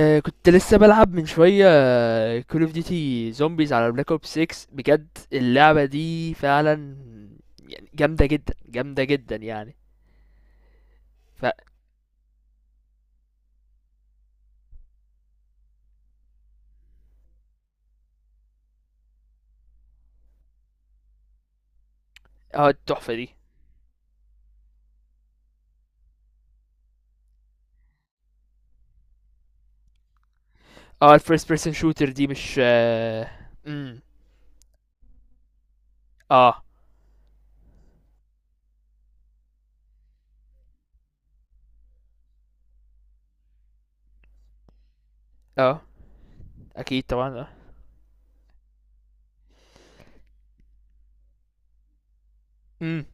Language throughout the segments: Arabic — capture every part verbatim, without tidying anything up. آه كنت لسه بلعب من شوية كول اوف ديوتي زومبيز على بلاك اوب ستة. بجد اللعبة دي فعلا يعني جامدة جدا جامدة جدا يعني ف اه التحفة دي اه الفيرست بيرسون شوتر دي مش آه امم اه اه اكيد طبعا. اه امم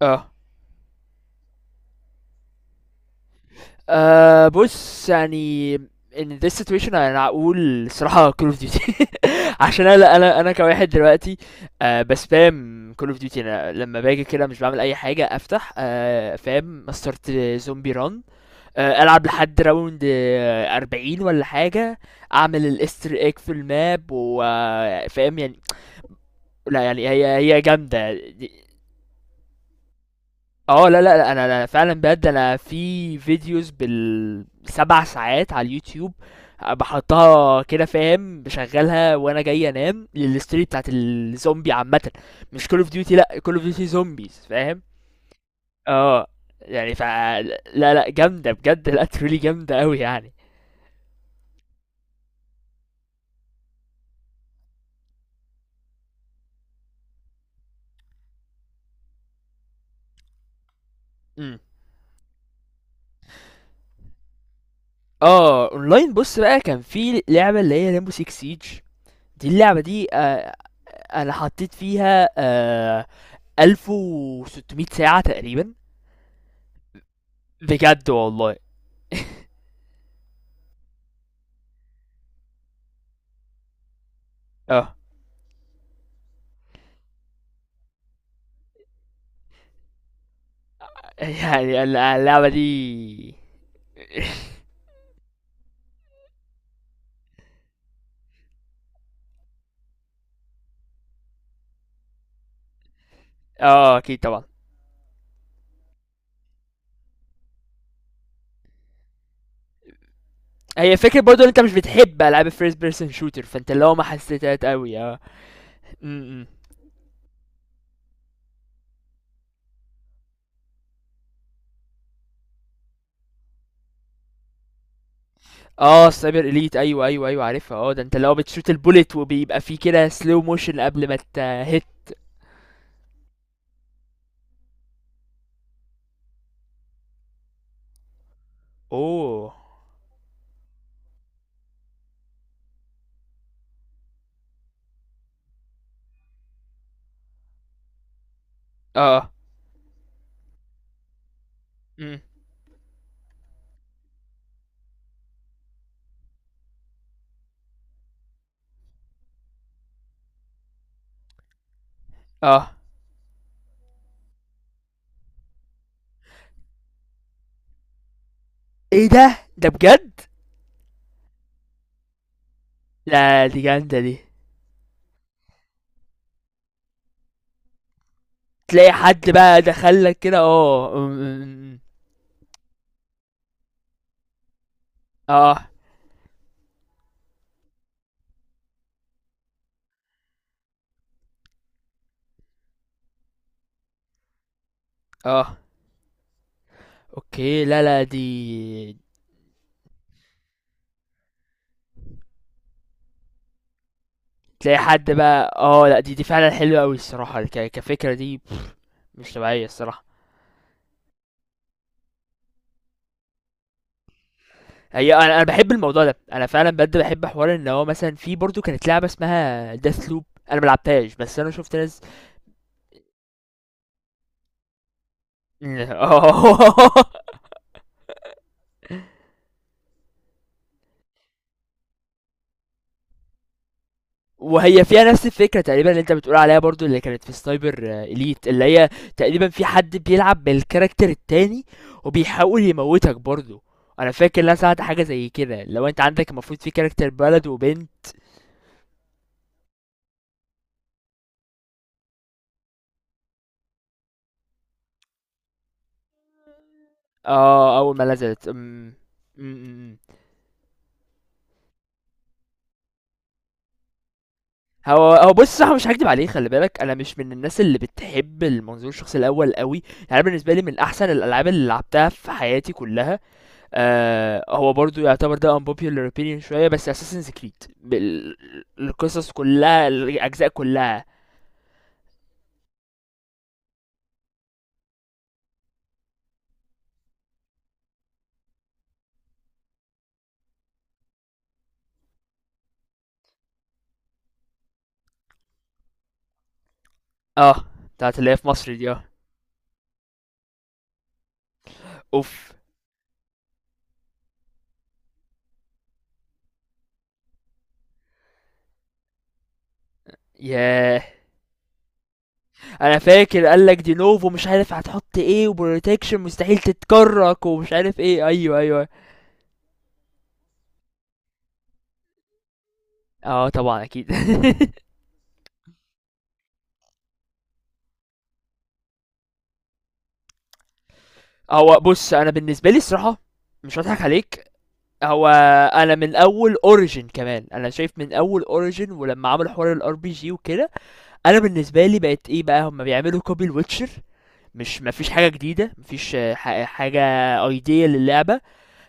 اه آه، بص يعني in this situation انا اقول صراحة كول اوف ديوتي. عشان انا انا انا كواحد دلوقتي آه بسبام كول اوف ديوتي، انا لما باجي كده مش بعمل اي حاجه، افتح آه فاهم، مسترت زومبي ران آه العب لحد راوند آه اربعين ولا حاجه، اعمل الاستر ايج في الماب وفاهم يعني. لا يعني هي هي جامده دي- اه لا لا لا انا انا فعلا بجد انا في فيديوز بالسبع ساعات على اليوتيوب. آه، بحطها كده، فاهم، بشغلها وانا جاي انام للستوري بتاعت الزومبي عامة. مش كول اوف ديوتي، لا كول اوف ديوتي زومبيز، فاهم. اه يعني ف لا لا جامدة بجد، لا تريلي جامدة قوي يعني. امم اه اونلاين بص بقى، كان في لعبة اللي هي ريمبو ستة سيج، دي اللعبة دي آه انا حطيت فيها آه الف وستمائة ساعة تقريبا. بجد والله. اه يعني ال- اللعبة دي اه، اكيد طبعا. هي فكرة برضو ان انت مش بتحب العاب الفيرست بيرسون شوتر، فانت اللي هو ما حسيتهاش قوي. اه م- م. اه سايبر اليت، ايوه ايوه ايوه عارفها. اه، ده انت اللي هو بتشوت البوليت وبيبقى فيه كده سلو موشن قبل ما تهت. اوه اه م. اه ايه ده، ده بجد؟ لا دي جامدة دي. تلاقي حد بقى دخلك كده. اه م- م- م. اه اه اوكي، لا لا دي. تلاقي حد بقى، اه لا دي دي فعلا حلوه قوي الصراحه، ك... كفكره دي، مش طبيعيه الصراحه. هي انا انا بحب الموضوع ده، انا فعلا بجد بحب حوار ان هو مثلا في برضو كانت لعبه اسمها داث لوب، انا ملعبتهاش بس انا شفت ناس. اه، وهي فيها نفس الفكره تقريبا اللي انت بتقول عليها، برضو اللي كانت في سنايبر اليت، اللي هي تقريبا في حد بيلعب بالكاركتر التاني وبيحاول يموتك برضو. انا فاكر ان انا سمعت حاجه زي كده، لو انت عندك المفروض في كاركتر بلد وبنت. آه أول ما نزلت إمم. إمم، إمم، إمم. هو هو بُص هو مش هاكدب عليك، خلّي بالك، أنا مش من الناس اللي بتحب المنظور الشخصي الأول أوي، يعني أنا بالنسبة لي من أحسن الألعاب اللي لعبتها في حياتي كلّها. آآ، هو برضه يعتبر ده unpopular opinion شوية، بس Assassin's Creed بال، القصص كلّها، الأجزاء كلّها. آه، بتاعة اللي هي في مصر دي آه، أوف! ياه! أنا فاكر قال لك دي novo، مش عارف هتحط إيه، وprotection مستحيل تتكرّك ومش عارف إيه، أيوه، أيوه. اه طبعًا أكيد. هو بُص، أنا بالنسبة لي الصراحة مش هاضحك عليك، هو أنا من أول origin كمان، أنا شايف من أول origin ولمّا عملوا حوار الRPG وكده، أنا بالنسبة لي بقت إيه بقى، هُم بيعملوا copy لwitcher، مش ما فيش حاجة جديدة، ما فيش ح حاجة idea للعبة.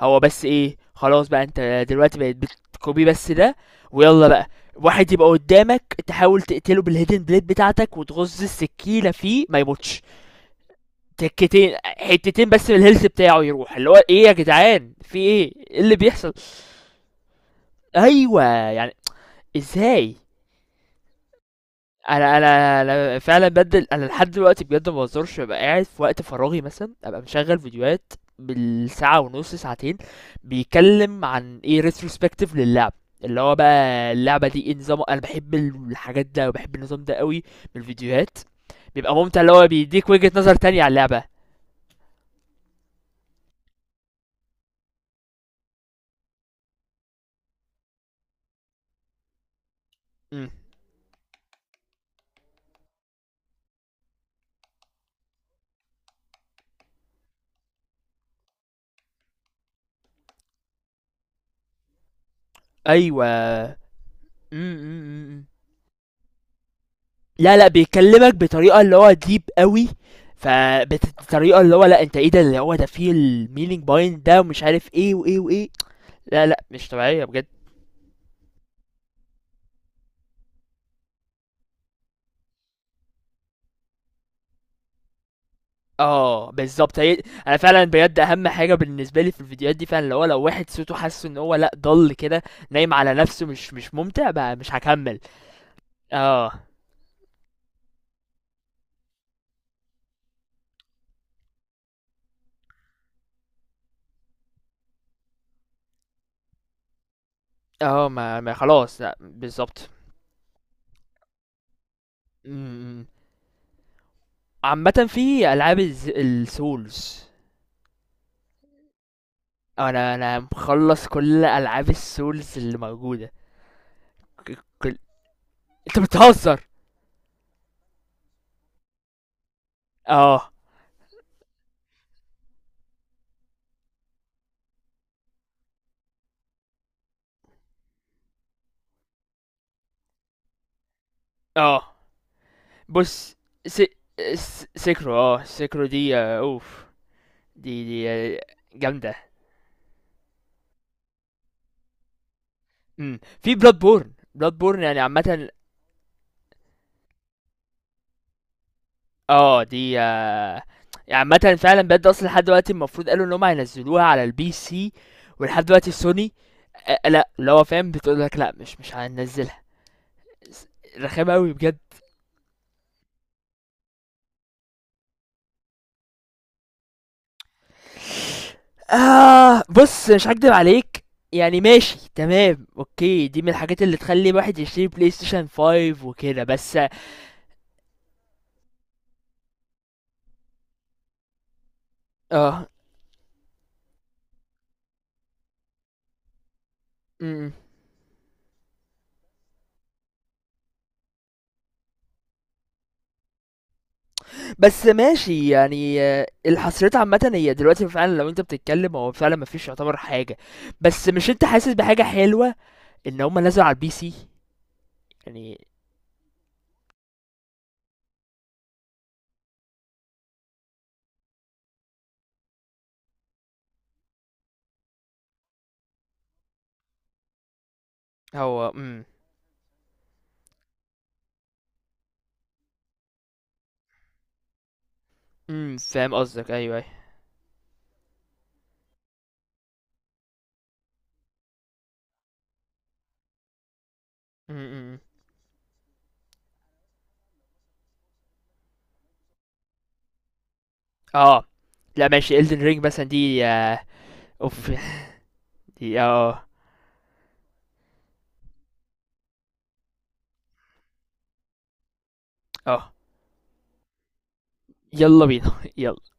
هو بس إيه، خلاص بقى أنت دلوقتي بقيت بتcopy بس ده، ويالّا بقى، واحد يبقى قدّامك تحاول تقتله بالhidden blade بتاعتك وتغُز السكينة فيه ما يموتش، تكتين حتتين بس من الهيلث بتاعه يروح، اللي هو ايه يا جدعان، في ايه، إيه اللي بيحصل؟ ايوه، يعني ازاي؟ انا انا انا فعلا بدل، انا لحد دلوقتي بجد ما بهزرش، ببقى قاعد في وقت فراغي مثلا ابقى مشغل فيديوهات بالساعه ونص ساعتين، بيتكلم عن ايه، ريتروسبكتيف للعب، اللي هو بقى اللعبه دي ايه نظام. انا بحب الحاجات ده وبحب النظام ده قوي، من الفيديوهات، بيبقى ممتع اللي هو بيديك وجهه نظر تانية على اللعبه. امم ايوه امم امم لا لا، بيكلمك بطريقه اللي هو ديب قوي، فبطريقه اللي هو لا انت ايه ده، اللي هو ده فيه المينينج باين ده، ومش عارف ايه وايه وايه. لا لا مش طبيعيه بجد. اه بالظبط. هي انا فعلا بجد، اهم حاجه بالنسبه لي في الفيديوهات دي فعلا اللي هو لو واحد صوته حاسه ان هو لا ضل كده نايم على نفسه، مش مش ممتع بقى، مش هكمل. اه اه ما, ما خلاص، لا بالظبط. م- م. عامه في العاب الز- السولز، انا انا مخلص كل العاب السولز اللي موجوده. ك- كل... انت بتهزر. اه اه بص س... س... سكرو، اه سكرو دي آه، اوف، دي دي آه، جامده. امم في بلاد بورن، بلاد بورن، يعني عامه، اه دي آه، يعني عامه فعلا بجد، اصلا لحد دلوقتي المفروض قالوا ان هم هينزلوها على البي سي، ولحد دلوقتي سوني آه، لا اللي هو فاهم بتقول لك لا مش مش هننزلها. رخامه قوي بجد. آه بص مش هكدب عليك، يعني ماشي تمام اوكي، دي من الحاجات اللي تخلي الواحد يشتري بلاي ستيشن خمسة وكده بس. اه م-م. بس ماشي يعني، آه، الحصريات عامة هي دلوقتي فعلا لو انت بتتكلم هو فعلا مفيش يعتبر حاجة. بس مش انت حاسس بحاجة حلوة ان هما نزلوا على البي سي يعني. هو امم امم فاهم قصدك، ايوه ايوه. م- م- م. اه لا ماشي، Elden Ring مثلا دي آه، اوف، دي اه اه آه. يلا بينا يلا